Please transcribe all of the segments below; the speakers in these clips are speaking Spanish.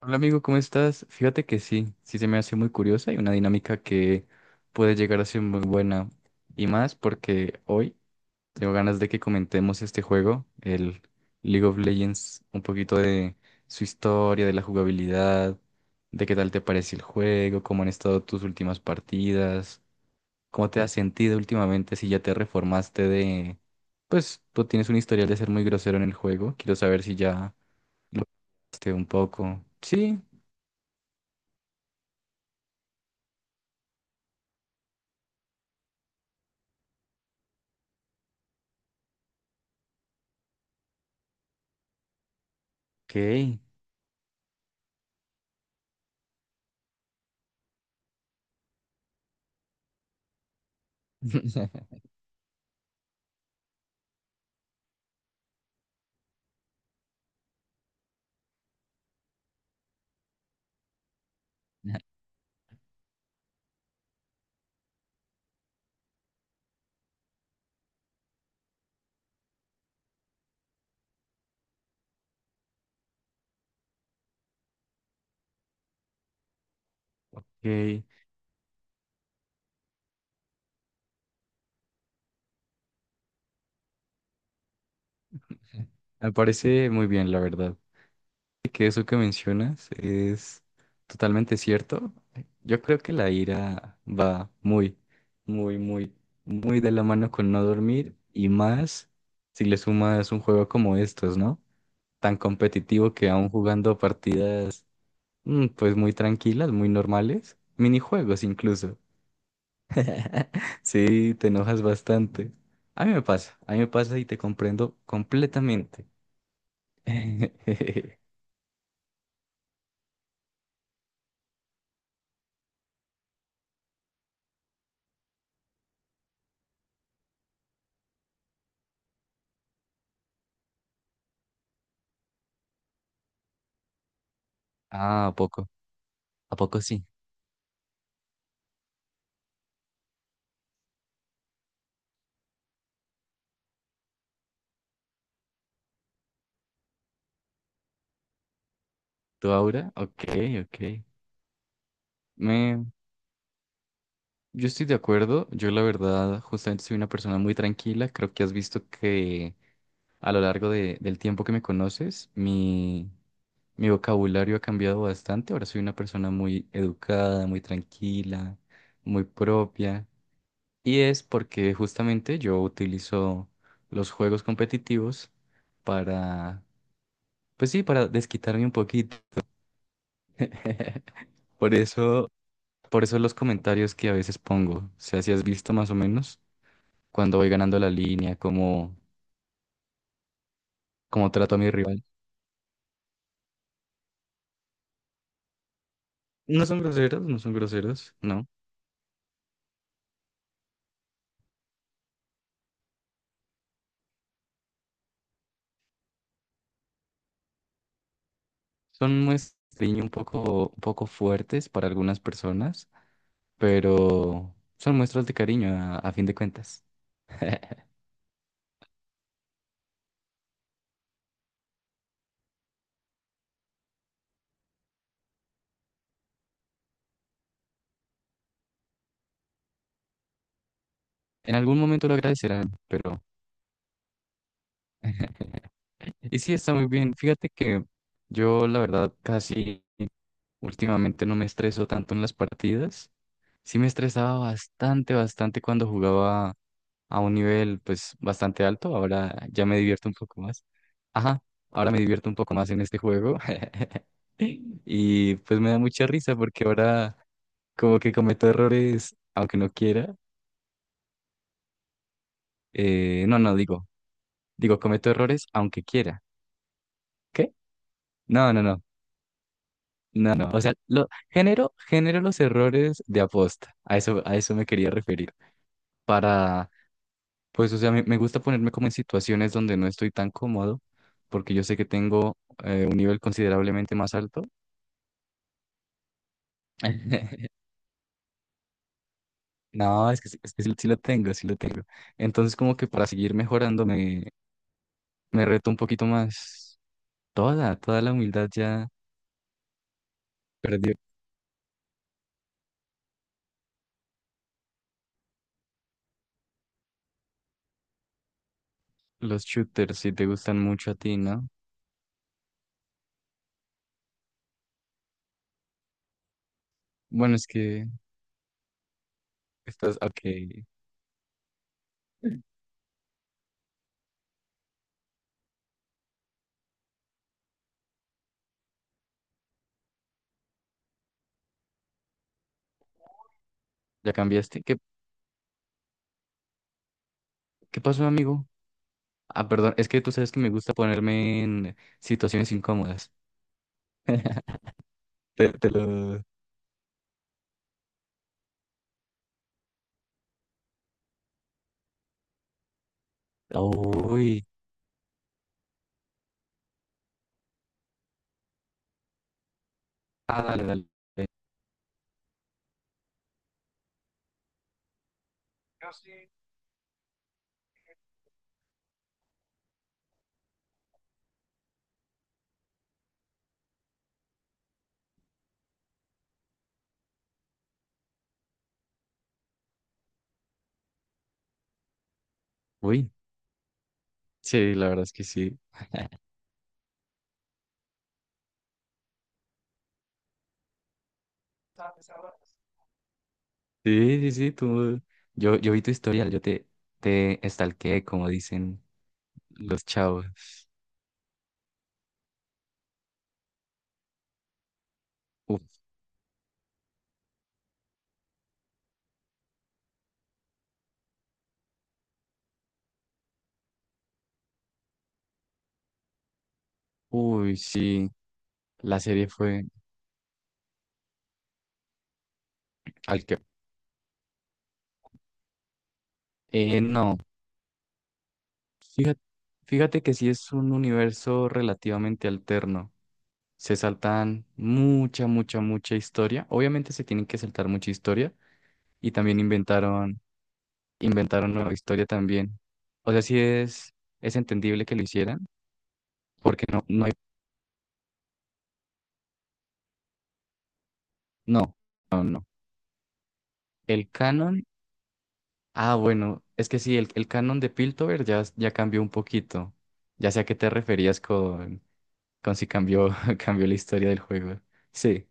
Hola amigo, ¿cómo estás? Fíjate que sí, sí se me hace muy curiosa y una dinámica que puede llegar a ser muy buena. Y más porque hoy tengo ganas de que comentemos este juego, el League of Legends, un poquito de su historia, de la jugabilidad, de qué tal te parece el juego, cómo han estado tus últimas partidas, cómo te has sentido últimamente, si ya te reformaste de. Pues tú tienes un historial de ser muy grosero en el juego, quiero saber si ya lo. Un poco. Sí, ok. Ok. Me parece muy bien, la verdad. Que eso que mencionas es totalmente cierto. Yo creo que la ira va muy, muy, muy, muy de la mano con no dormir y más si le sumas un juego como estos, ¿no? Tan competitivo que aún jugando partidas, pues muy tranquilas, muy normales, minijuegos incluso. Sí, te enojas bastante. A mí me pasa, a mí me pasa y te comprendo completamente. Ah, ¿a poco? ¿A poco sí? ¿Tu aura? Ok, ok. Me. Yo estoy de acuerdo. Yo la verdad, justamente soy una persona muy tranquila. Creo que has visto que a lo largo del tiempo que me conoces, mi vocabulario ha cambiado bastante. Ahora soy una persona muy educada, muy tranquila, muy propia. Y es porque justamente yo utilizo los juegos competitivos para, pues sí, para desquitarme un poquito. Por eso, por eso los comentarios que a veces pongo, o sea, si has visto más o menos cuando voy ganando la línea, cómo trato a mi rival. No son groseros, no son groseros, no. Son muestras un poco fuertes para algunas personas, pero son muestras de cariño a fin de cuentas. En algún momento lo agradecerán, pero. Y sí, está muy bien. Fíjate que yo, la verdad, casi últimamente no me estreso tanto en las partidas. Sí me estresaba bastante, bastante cuando jugaba a un nivel, pues, bastante alto. Ahora ya me divierto un poco más. Ajá, ahora me divierto un poco más en este juego. Y pues me da mucha risa porque ahora como que cometo errores aunque no quiera. No, no, digo, cometo errores aunque quiera. ¿Qué? No, no, no. No, no, o sea, genero los errores de aposta, a eso me quería referir, para, pues, o sea, me gusta ponerme como en situaciones donde no estoy tan cómodo, porque yo sé que tengo un nivel considerablemente más alto. No, es que, es que sí, sí lo tengo, sí lo tengo. Entonces, como que para seguir mejorando me reto un poquito más. Toda, toda la humildad ya perdió. Los shooters si te gustan mucho a ti, ¿no? Bueno, es que estás, ok, ya cambiaste. ¿Qué pasó, amigo? Ah, perdón, es que tú sabes que me gusta ponerme en situaciones incómodas. Te lo. Uy. Ah, dale, dale. Uy, sí, la verdad es que sí. Sí, sí, sí, tú. Yo vi tu historial, yo te estalqué, como dicen los chavos. Uf, uy, sí, la serie fue al que. No, fíjate, fíjate que sí es un universo relativamente alterno. Se saltan mucha, mucha, mucha historia. Obviamente se tienen que saltar mucha historia y también inventaron, nueva historia también. O sea, sí es entendible que lo hicieran, porque no, no hay, no, no, no. El canon, ah, bueno, es que sí, el canon de Piltover ya cambió un poquito. Ya sé a qué te referías con si cambió, cambió la historia del juego. Sí,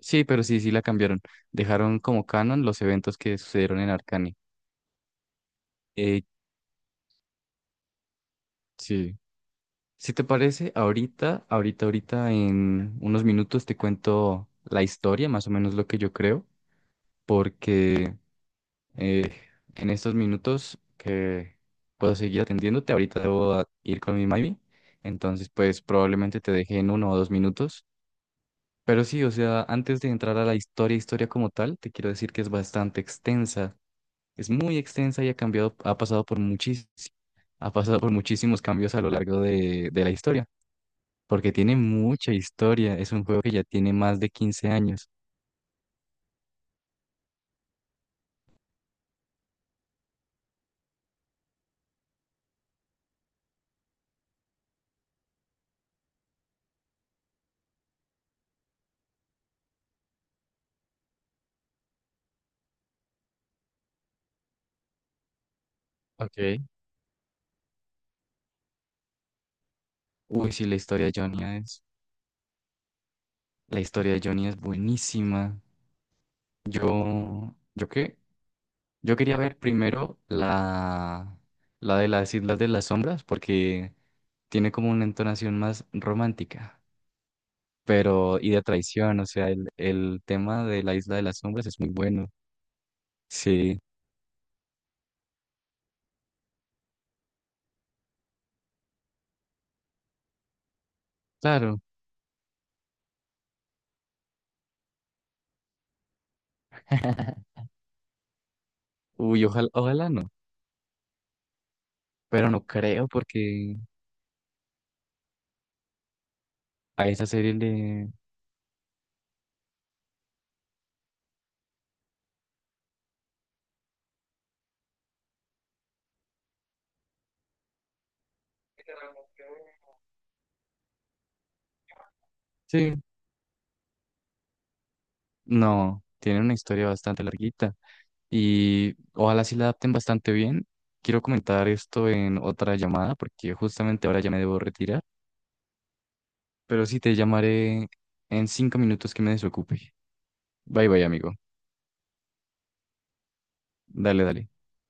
sí, pero sí, sí la cambiaron. Dejaron como canon los eventos que sucedieron en Arcane. Eh, sí. Si te parece, ahorita, ahorita, ahorita en unos minutos te cuento la historia, más o menos lo que yo creo, porque eh, en estos minutos que puedo seguir atendiéndote, ahorita debo ir con mi mami, entonces pues probablemente te deje en 1 o 2 minutos. Pero sí, o sea, antes de entrar a la historia, historia como tal, te quiero decir que es bastante extensa, es muy extensa y ha cambiado, ha pasado por muchísimos cambios a lo largo de la historia porque tiene mucha historia. Es un juego que ya tiene más de 15 años. Ok. Uy, sí, la historia de Johnny es buenísima. ¿Yo qué? Yo quería ver primero la de las Islas de las Sombras porque tiene como una entonación más romántica, pero y de traición, o sea, el tema de la Isla de las Sombras es muy bueno. Sí, claro. Uy, ojalá, ojalá no, pero no creo porque a esa serie le. Sí, no, tiene una historia bastante larguita y ojalá sí la adapten bastante bien. Quiero comentar esto en otra llamada porque justamente ahora ya me debo retirar, pero sí te llamaré en 5 minutos que me desocupe. Bye bye, amigo. Dale, dale.